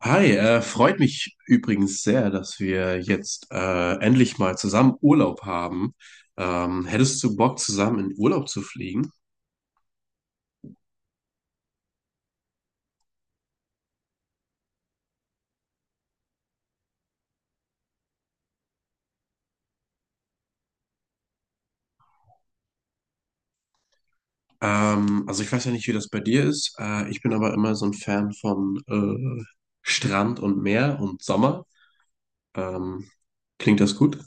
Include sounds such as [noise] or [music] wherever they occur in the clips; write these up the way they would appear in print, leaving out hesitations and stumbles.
Hi, freut mich übrigens sehr, dass wir jetzt endlich mal zusammen Urlaub haben. Hättest du Bock, zusammen in Urlaub zu fliegen? Also ich weiß ja nicht, wie das bei dir ist. Ich bin aber immer so ein Fan von Strand und Meer und Sommer. Ähm, Klingt das gut?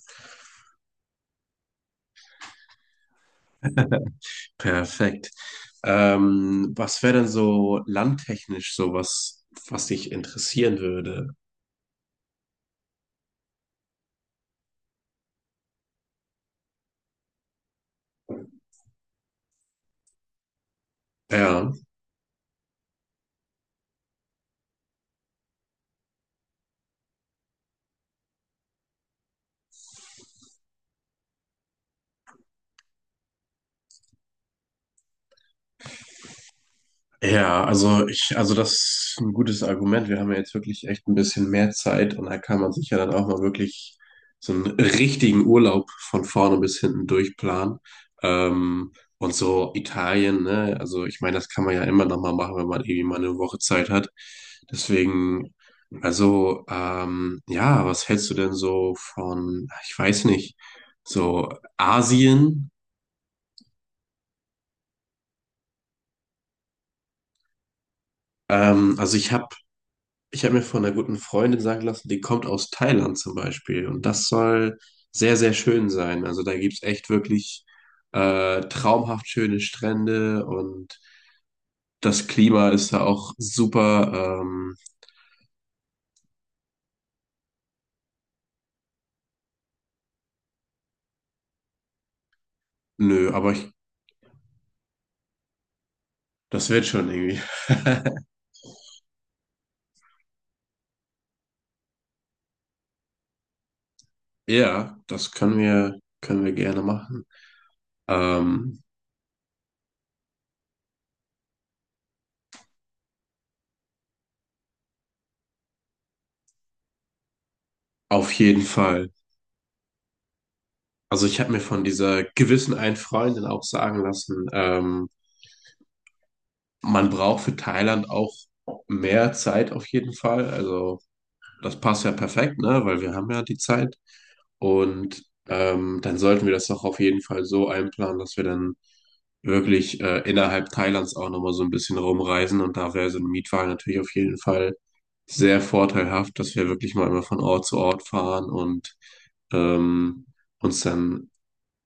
Perfekt. Was wäre denn so landtechnisch so was, was dich interessieren würde? Ja. Ja, also das ist ein gutes Argument. Wir haben ja jetzt wirklich echt ein bisschen mehr Zeit und da kann man sich ja dann auch mal wirklich so einen richtigen Urlaub von vorne bis hinten durchplanen. Ähm, und so Italien, ne? Also ich meine, das kann man ja immer noch mal machen, wenn man irgendwie mal eine Woche Zeit hat. Deswegen, also ja, was hältst du denn so von, ich weiß nicht, so Asien? Ähm, also ich habe Ich habe mir von einer guten Freundin sagen lassen, die kommt aus Thailand zum Beispiel. Und das soll sehr, sehr schön sein. Also da gibt es echt wirklich traumhaft schöne Strände und das Klima ist da auch super. Nö, das wird schon irgendwie. [laughs] Ja, das können wir gerne machen. Ähm, auf jeden Fall. Also ich habe mir von dieser gewissen einen Freundin auch sagen lassen, man braucht für Thailand auch mehr Zeit auf jeden Fall. Also das passt ja perfekt, ne? Weil wir haben ja die Zeit. Und dann sollten wir das doch auf jeden Fall so einplanen, dass wir dann wirklich innerhalb Thailands auch nochmal so ein bisschen rumreisen. Und da wäre so ein Mietwagen natürlich auf jeden Fall sehr vorteilhaft, dass wir wirklich mal immer von Ort zu Ort fahren und ähm, uns dann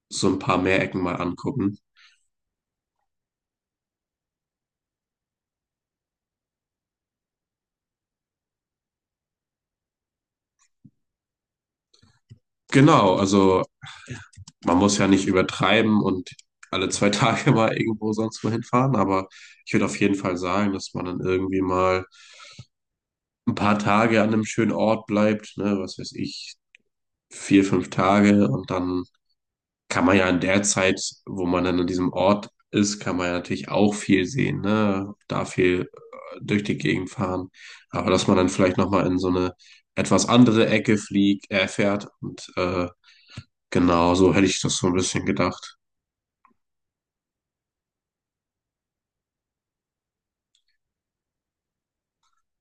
so ein paar mehr Ecken mal angucken. Genau, also man muss ja nicht übertreiben und alle zwei [laughs] Tage mal irgendwo sonst wohin fahren, aber ich würde auf jeden Fall sagen, dass man dann irgendwie mal ein paar Tage an einem schönen Ort bleibt, ne, was weiß ich, vier, fünf Tage und dann kann man ja in der Zeit, wo man dann an diesem Ort ist, kann man ja natürlich auch viel sehen, ne, da viel durch die Gegend fahren, aber dass man dann vielleicht nochmal in so eine etwas andere Ecke fliegt, fährt und genau, so hätte ich das so ein bisschen gedacht.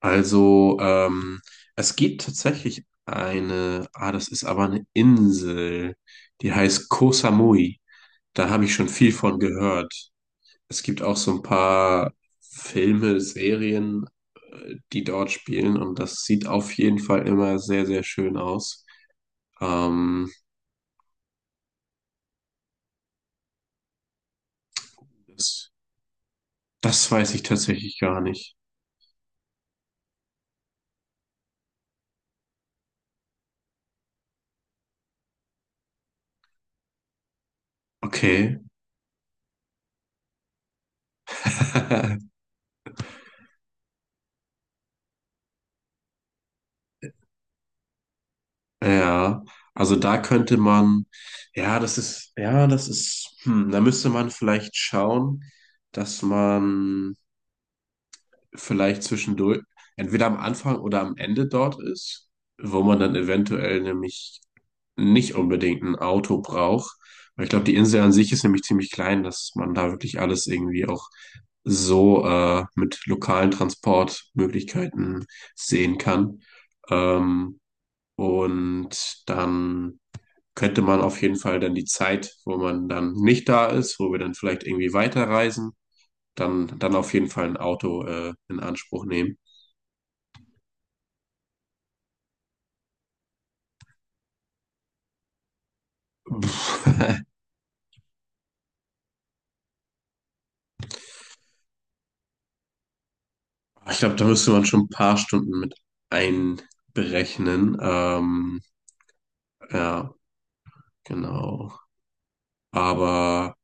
Also, es gibt tatsächlich das ist aber eine Insel, die heißt Koh Samui. Da habe ich schon viel von gehört. Es gibt auch so ein paar Filme, Serien, die dort spielen und das sieht auf jeden Fall immer sehr, sehr schön aus. Ähm, das, das weiß ich tatsächlich gar nicht. Okay. [laughs] Ja, also ja, ja, da müsste man vielleicht schauen, dass man vielleicht zwischendurch, entweder am Anfang oder am Ende dort ist, wo man dann eventuell nämlich nicht unbedingt ein Auto braucht. Weil ich glaube, die Insel an sich ist nämlich ziemlich klein, dass man da wirklich alles irgendwie auch so mit lokalen Transportmöglichkeiten sehen kann. Ähm, und dann könnte man auf jeden Fall dann die Zeit, wo man dann nicht da ist, wo wir dann vielleicht irgendwie weiterreisen, dann auf jeden Fall ein Auto in Anspruch nehmen. Pff, [laughs] ich glaube, da müsste man schon ein paar Stunden mit einberechnen. Ja, genau. Aber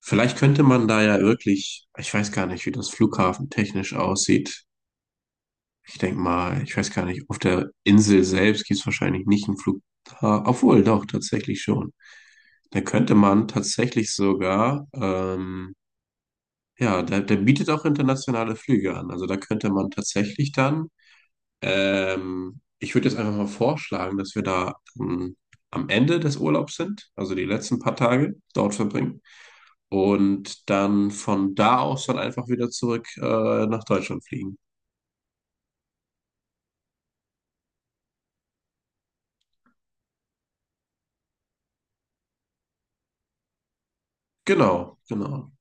vielleicht könnte man da ja wirklich, ich weiß gar nicht, wie das Flughafen technisch aussieht. Ich denke mal, ich weiß gar nicht, auf der Insel selbst gibt es wahrscheinlich nicht einen Flughafen. Obwohl, doch, tatsächlich schon. Da könnte man tatsächlich sogar, ja, der bietet auch internationale Flüge an. Also da könnte man tatsächlich dann, ich würde jetzt einfach mal vorschlagen, dass wir da am Ende des Urlaubs sind, also die letzten paar Tage dort verbringen und dann von da aus dann einfach wieder zurück nach Deutschland fliegen. Genau, genau.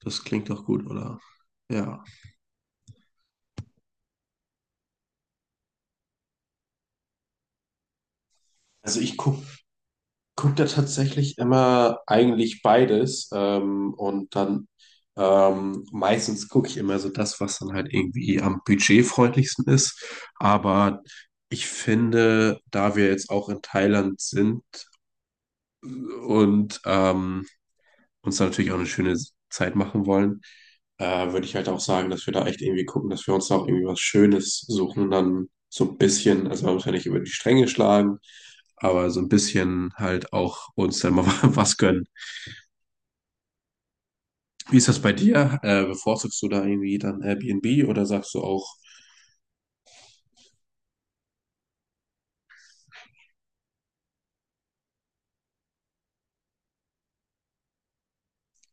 Das klingt doch gut, oder? Ja. Also ich gucke guckt er tatsächlich immer eigentlich beides und dann meistens gucke ich immer so das, was dann halt irgendwie am budgetfreundlichsten ist. Aber ich finde, da wir jetzt auch in Thailand sind und uns da natürlich auch eine schöne Zeit machen wollen, würde ich halt auch sagen, dass wir da echt irgendwie gucken, dass wir uns da auch irgendwie was Schönes suchen, dann so ein bisschen, also man muss ja nicht über die Stränge schlagen, aber so ein bisschen halt auch uns dann mal [laughs] was gönnen. Wie ist das bei dir? Bevorzugst du da irgendwie dann Airbnb oder sagst du auch,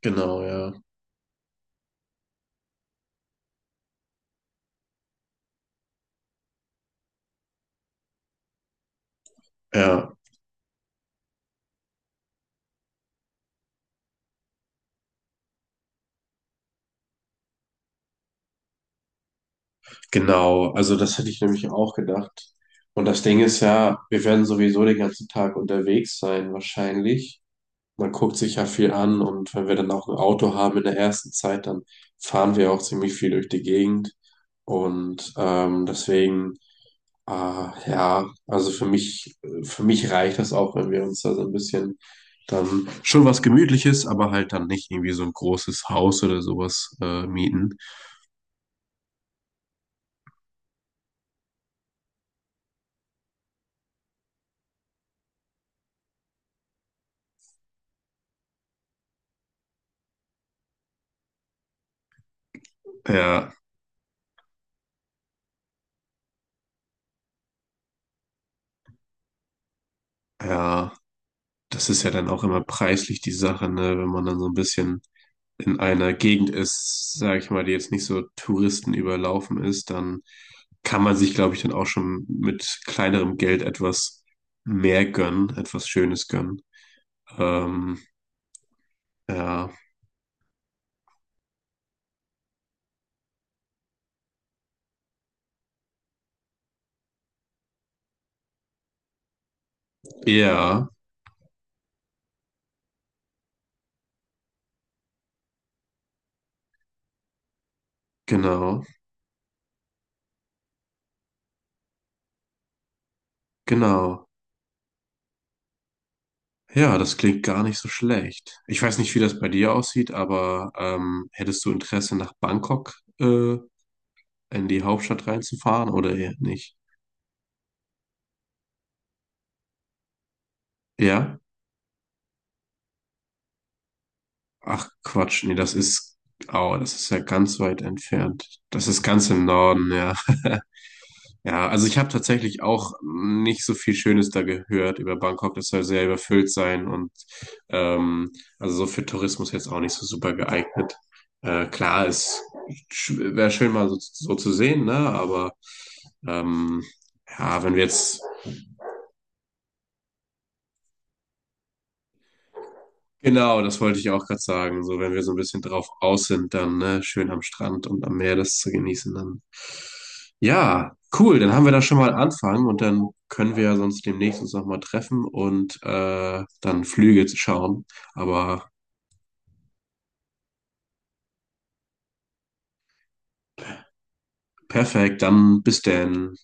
genau, ja. Ja, genau. Also das hätte ich nämlich auch gedacht. Und das Ding ist ja, wir werden sowieso den ganzen Tag unterwegs sein, wahrscheinlich. Man guckt sich ja viel an und wenn wir dann auch ein Auto haben in der ersten Zeit, dann fahren wir auch ziemlich viel durch die Gegend. Und deswegen, äh, ja, also für mich reicht das auch, wenn wir uns da so ein bisschen dann schon was Gemütliches, aber halt dann nicht irgendwie so ein großes Haus oder sowas mieten. Ja, ja, das ist ja dann auch immer preislich die Sache, ne? Wenn man dann so ein bisschen in einer Gegend ist, sage ich mal, die jetzt nicht so Touristen überlaufen ist, dann kann man sich, glaube ich, dann auch schon mit kleinerem Geld etwas mehr gönnen, etwas Schönes gönnen. Ähm, ja, ja, genau, genau. Ja, das klingt gar nicht so schlecht. Ich weiß nicht, wie das bei dir aussieht, aber hättest du Interesse, nach Bangkok in die Hauptstadt reinzufahren oder eher nicht? Ja? Ach Quatsch, nee, oh, das ist ja ganz weit entfernt. Das ist ganz im Norden, ja. [laughs] Ja, also ich habe tatsächlich auch nicht so viel Schönes da gehört über Bangkok. Das soll sehr überfüllt sein und ähm, also so für Tourismus jetzt auch nicht so super geeignet. Klar, es wäre schön mal so, so zu sehen, ne? Aber ähm, ja, wenn wir jetzt genau, das wollte ich auch gerade sagen. So, wenn wir so ein bisschen drauf aus sind, dann ne, schön am Strand und am Meer das zu genießen, dann ja, cool. Dann haben wir da schon mal einen Anfang und dann können wir ja sonst demnächst uns nochmal treffen und dann Flüge zu schauen. Aber perfekt, dann bis denn.